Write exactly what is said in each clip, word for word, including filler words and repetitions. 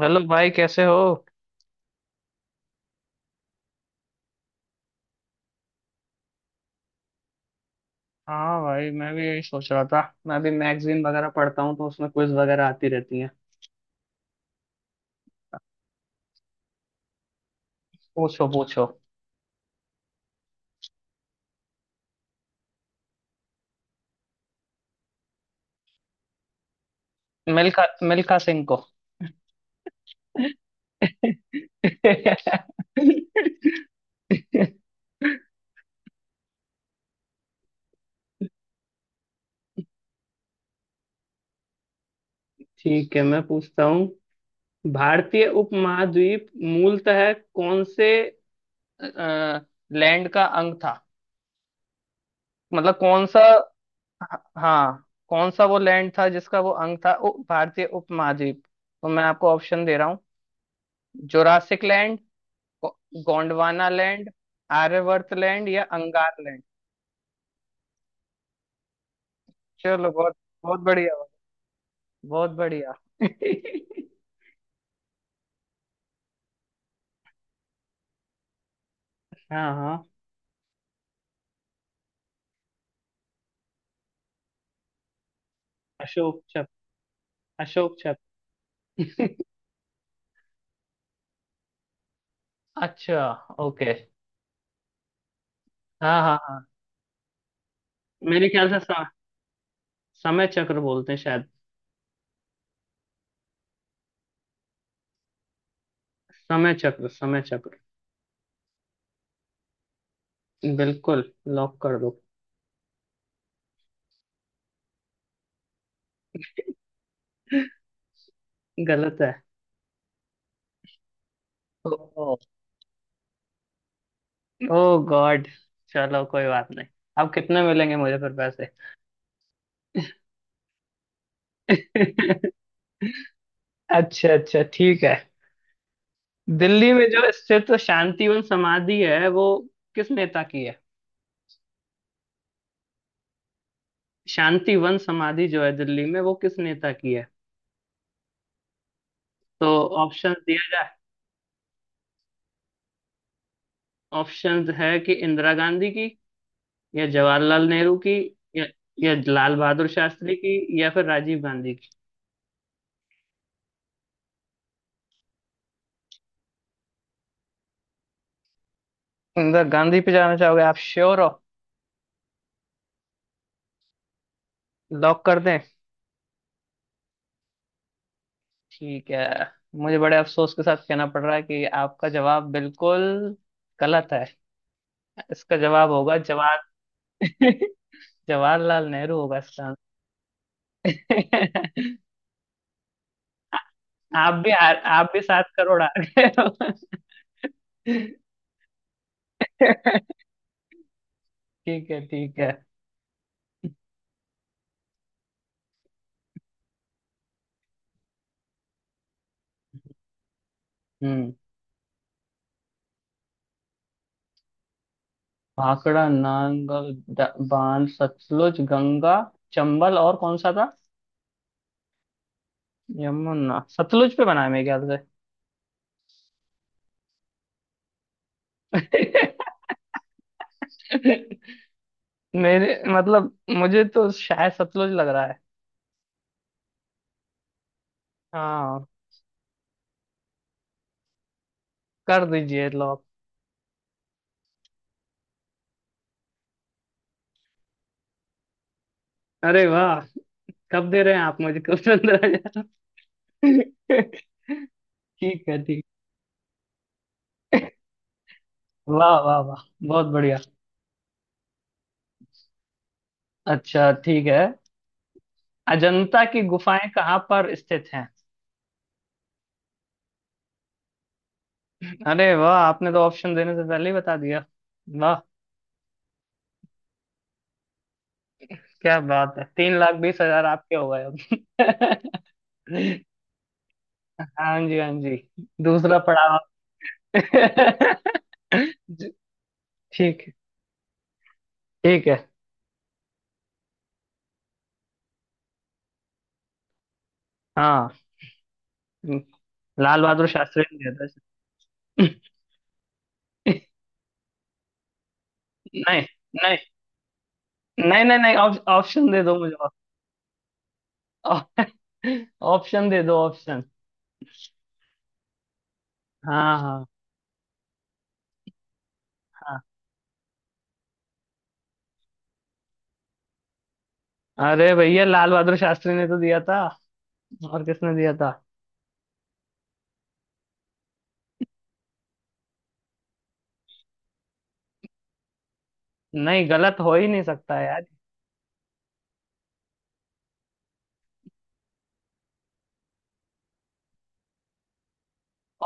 Hello भाई, कैसे हो। हाँ भाई, मैं भी यही सोच रहा था। मैं भी मैगजीन वगैरह पढ़ता हूँ तो उसमें क्विज वगैरह आती रहती हैं। पूछो पूछो। मिल्खा। मिल्खा सिंह को। ठीक है, मैं पूछता हूँ। भारतीय उपमहाद्वीप मूलतः कौन से लैंड का अंग था? मतलब कौन सा? हाँ, कौन सा वो लैंड था जिसका वो अंग था, उ- भारतीय उपमहाद्वीप। तो मैं आपको ऑप्शन दे रहा हूँ। जोरासिक लैंड, गो- गोंडवाना लैंड, आर्यवर्त लैंड या अंगार लैंड। चलो, बहुत बहुत बढ़िया। बहुत बढ़िया। हाँ हाँ। अशोक चक, अशोक चक। अच्छा, ओके। हाँ हाँ हाँ। मेरे ख्याल से स- समय चक्र बोलते हैं शायद। समय चक्र, समय चक्र। बिल्कुल, लॉक कर दो। गलत है। ओ! ओ गॉड! चलो, कोई बात नहीं। अब कितने मिलेंगे मुझे फिर पैसे? अच्छा अच्छा, ठीक है। दिल्ली में जो स्थित शांतिवन समाधि है वो किस नेता की है? शांतिवन समाधि जो है दिल्ली में, वो किस नेता की है? तो ऑप्शन दिया जाए। ऑप्शन है कि इंदिरा गांधी की, या जवाहरलाल नेहरू की, या, या लाल बहादुर शास्त्री की, या फिर राजीव गांधी की। इंदिरा गांधी पे जाना चाहोगे? आप श्योर हो? लॉक कर दें? ठीक है। मुझे बड़े अफसोस के साथ कहना पड़ रहा है कि आपका जवाब बिल्कुल गलत है। इसका जवाब होगा जवाहर जवाहरलाल नेहरू होगा इसका। आप भी हार, आप भी सात करोड़ हार गए हो। ठीक है ठीक है। हम्म। भाखड़ा नांगल द- बांध। सतलुज, गंगा, चंबल और कौन सा था? यमुना। सतलुज पे बना है मेरे ख्याल से। मेरे मतलब मुझे तो शायद सतलुज लग रहा है। हाँ। कर दीजिए लॉक। अरे वाह! कब दे रहे हैं आप मुझको? पंद्रह हज़ार। ठीक है ठीक। वाह वाह वाह! बहुत बढ़िया। अच्छा, ठीक है। अजंता की गुफाएं कहाँ पर स्थित हैं? अरे वाह, आपने तो ऑप्शन देने से पहले ही बता दिया। वाह! क्या बात है, तीन लाख बीस हजार आपके हो गए अब। हाँ जी हाँ जी। दूसरा पड़ाव। जी, ठीक है ठीक है। हाँ, लाल बहादुर शास्त्री ने दिया था। नहीं नहीं, नहीं नहीं नहीं, ऑप- ऑप्शन दे दो मुझे ऑप- ऑप्शन दे दो, ऑप्शन। हाँ हाँ। हाँ, अरे भैया, लाल बहादुर शास्त्री ने तो दिया था। और किसने दिया था? नहीं, गलत हो ही नहीं सकता है यार।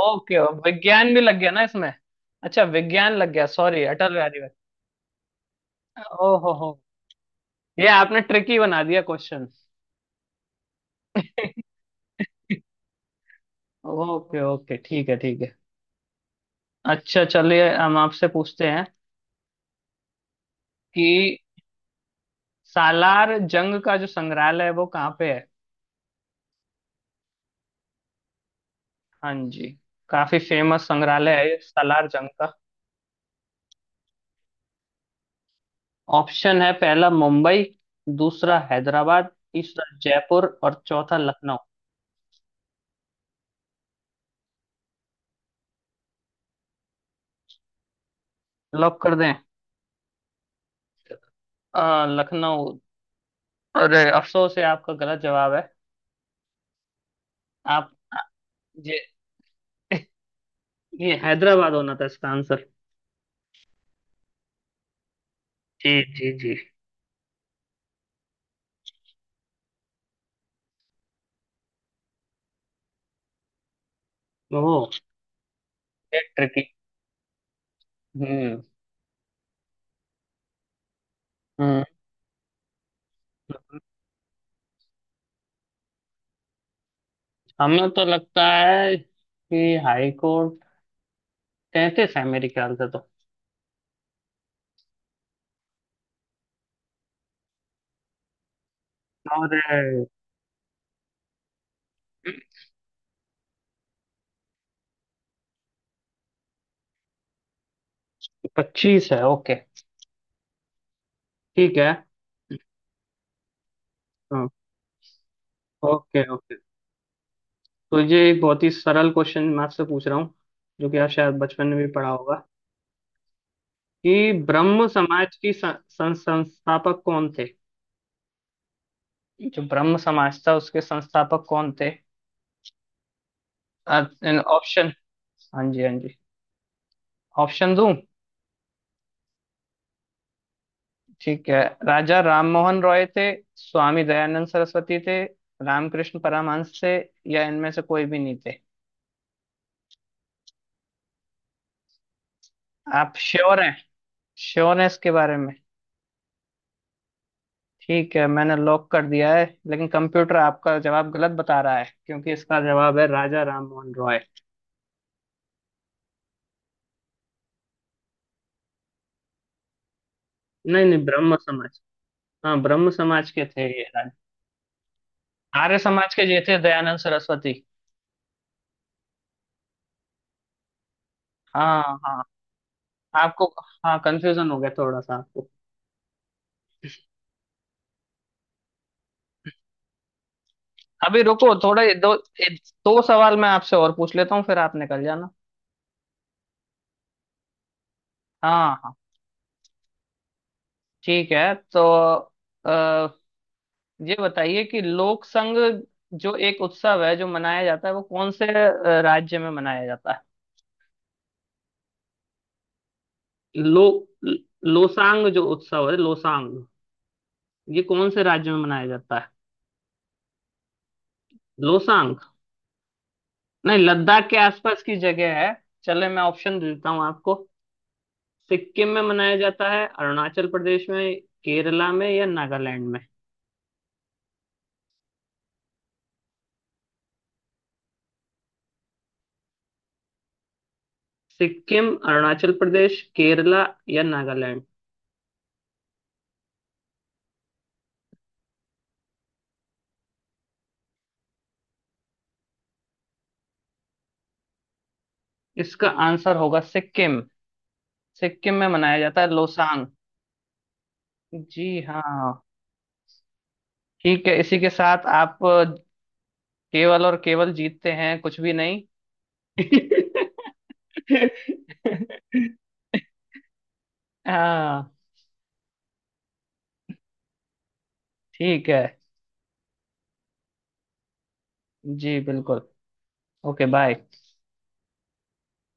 ओके, विज्ञान भी लग गया ना इसमें? अच्छा, विज्ञान लग गया। सॉरी, अटल बिहारी वाजपेयी। ओ हो हो! ये आपने ट्रिकी बना दिया क्वेश्चन। ओके ओके, ठीक है ठीक है। अच्छा, चलिए हम आपसे पूछते हैं कि सालार जंग का जो संग्रहालय है वो कहाँ पे है? हाँ जी। काफी फेमस संग्रहालय है ये सालार जंग का। ऑप्शन है, पहला मुंबई, दूसरा हैदराबाद, तीसरा जयपुर और चौथा लखनऊ। लॉक कर दें? आ, लखनऊ। अरे, अफसोस है, आपका गलत जवाब है। आप, ये ये हैदराबाद होना था इसका आंसर। जी जी जी। ओह! ट्रिकी। हम्म। हम्म, हमें तो लगता है कि हाई कोर्ट तैतीस है मेरे ख्याल से तो। और पच्चीस है, ओके। ठीक है। हाँ। Okay okay. तो ये एक बहुत ही सरल क्वेश्चन मैं आपसे पूछ रहा हूँ जो कि आप शायद बचपन में भी पढ़ा होगा कि ब्रह्म समाज की सं, सं, संस्थापक कौन थे? जो ब्रह्म समाज था उसके संस्थापक कौन थे? ऑप्शन? हाँ जी हाँ जी। ऑप्शन दूं? ठीक है। राजा राममोहन रॉय थे, स्वामी दयानंद सरस्वती थे, रामकृष्ण परमहंस थे, या इनमें से कोई भी नहीं थे? आप श्योर हैं? श्योर हैं इसके बारे में? ठीक है, मैंने लॉक कर दिया है। लेकिन कंप्यूटर आपका जवाब गलत बता रहा है क्योंकि इसका जवाब है राजा राममोहन रॉय। नहीं नहीं, ब्रह्म समाज। हाँ, ब्रह्म समाज के थे ये राज- आर्य समाज के ये थे दयानंद सरस्वती। हाँ हाँ। आपको, हाँ, कंफ्यूजन हो गया थोड़ा सा आपको। अभी रुको थोड़ा, ये दो ये दो सवाल मैं आपसे और पूछ लेता हूँ, फिर आप निकल जाना। हाँ हाँ। ठीक है, तो आ, ये बताइए कि लोक संघ जो एक उत्सव है जो मनाया जाता है वो कौन से अ, राज्य में मनाया जाता है? लो लोसांग जो उत्सव है, लोसांग ये कौन से राज्य में मनाया जाता है? लोसांग। नहीं, लद्दाख के आसपास की जगह है। चले मैं ऑप्शन दे देता हूँ आपको। सिक्किम में मनाया जाता है, अरुणाचल प्रदेश में, केरला में या नागालैंड में? सिक्किम, अरुणाचल प्रदेश, केरला या नागालैंड। इसका आंसर होगा सिक्किम। सिक्किम में मनाया जाता है लोसांग। जी हाँ। ठीक है, इसी के साथ आप केवल और केवल जीतते हैं कुछ भी नहीं। हाँ। ठीक है। जी बिल्कुल। Okay, bye.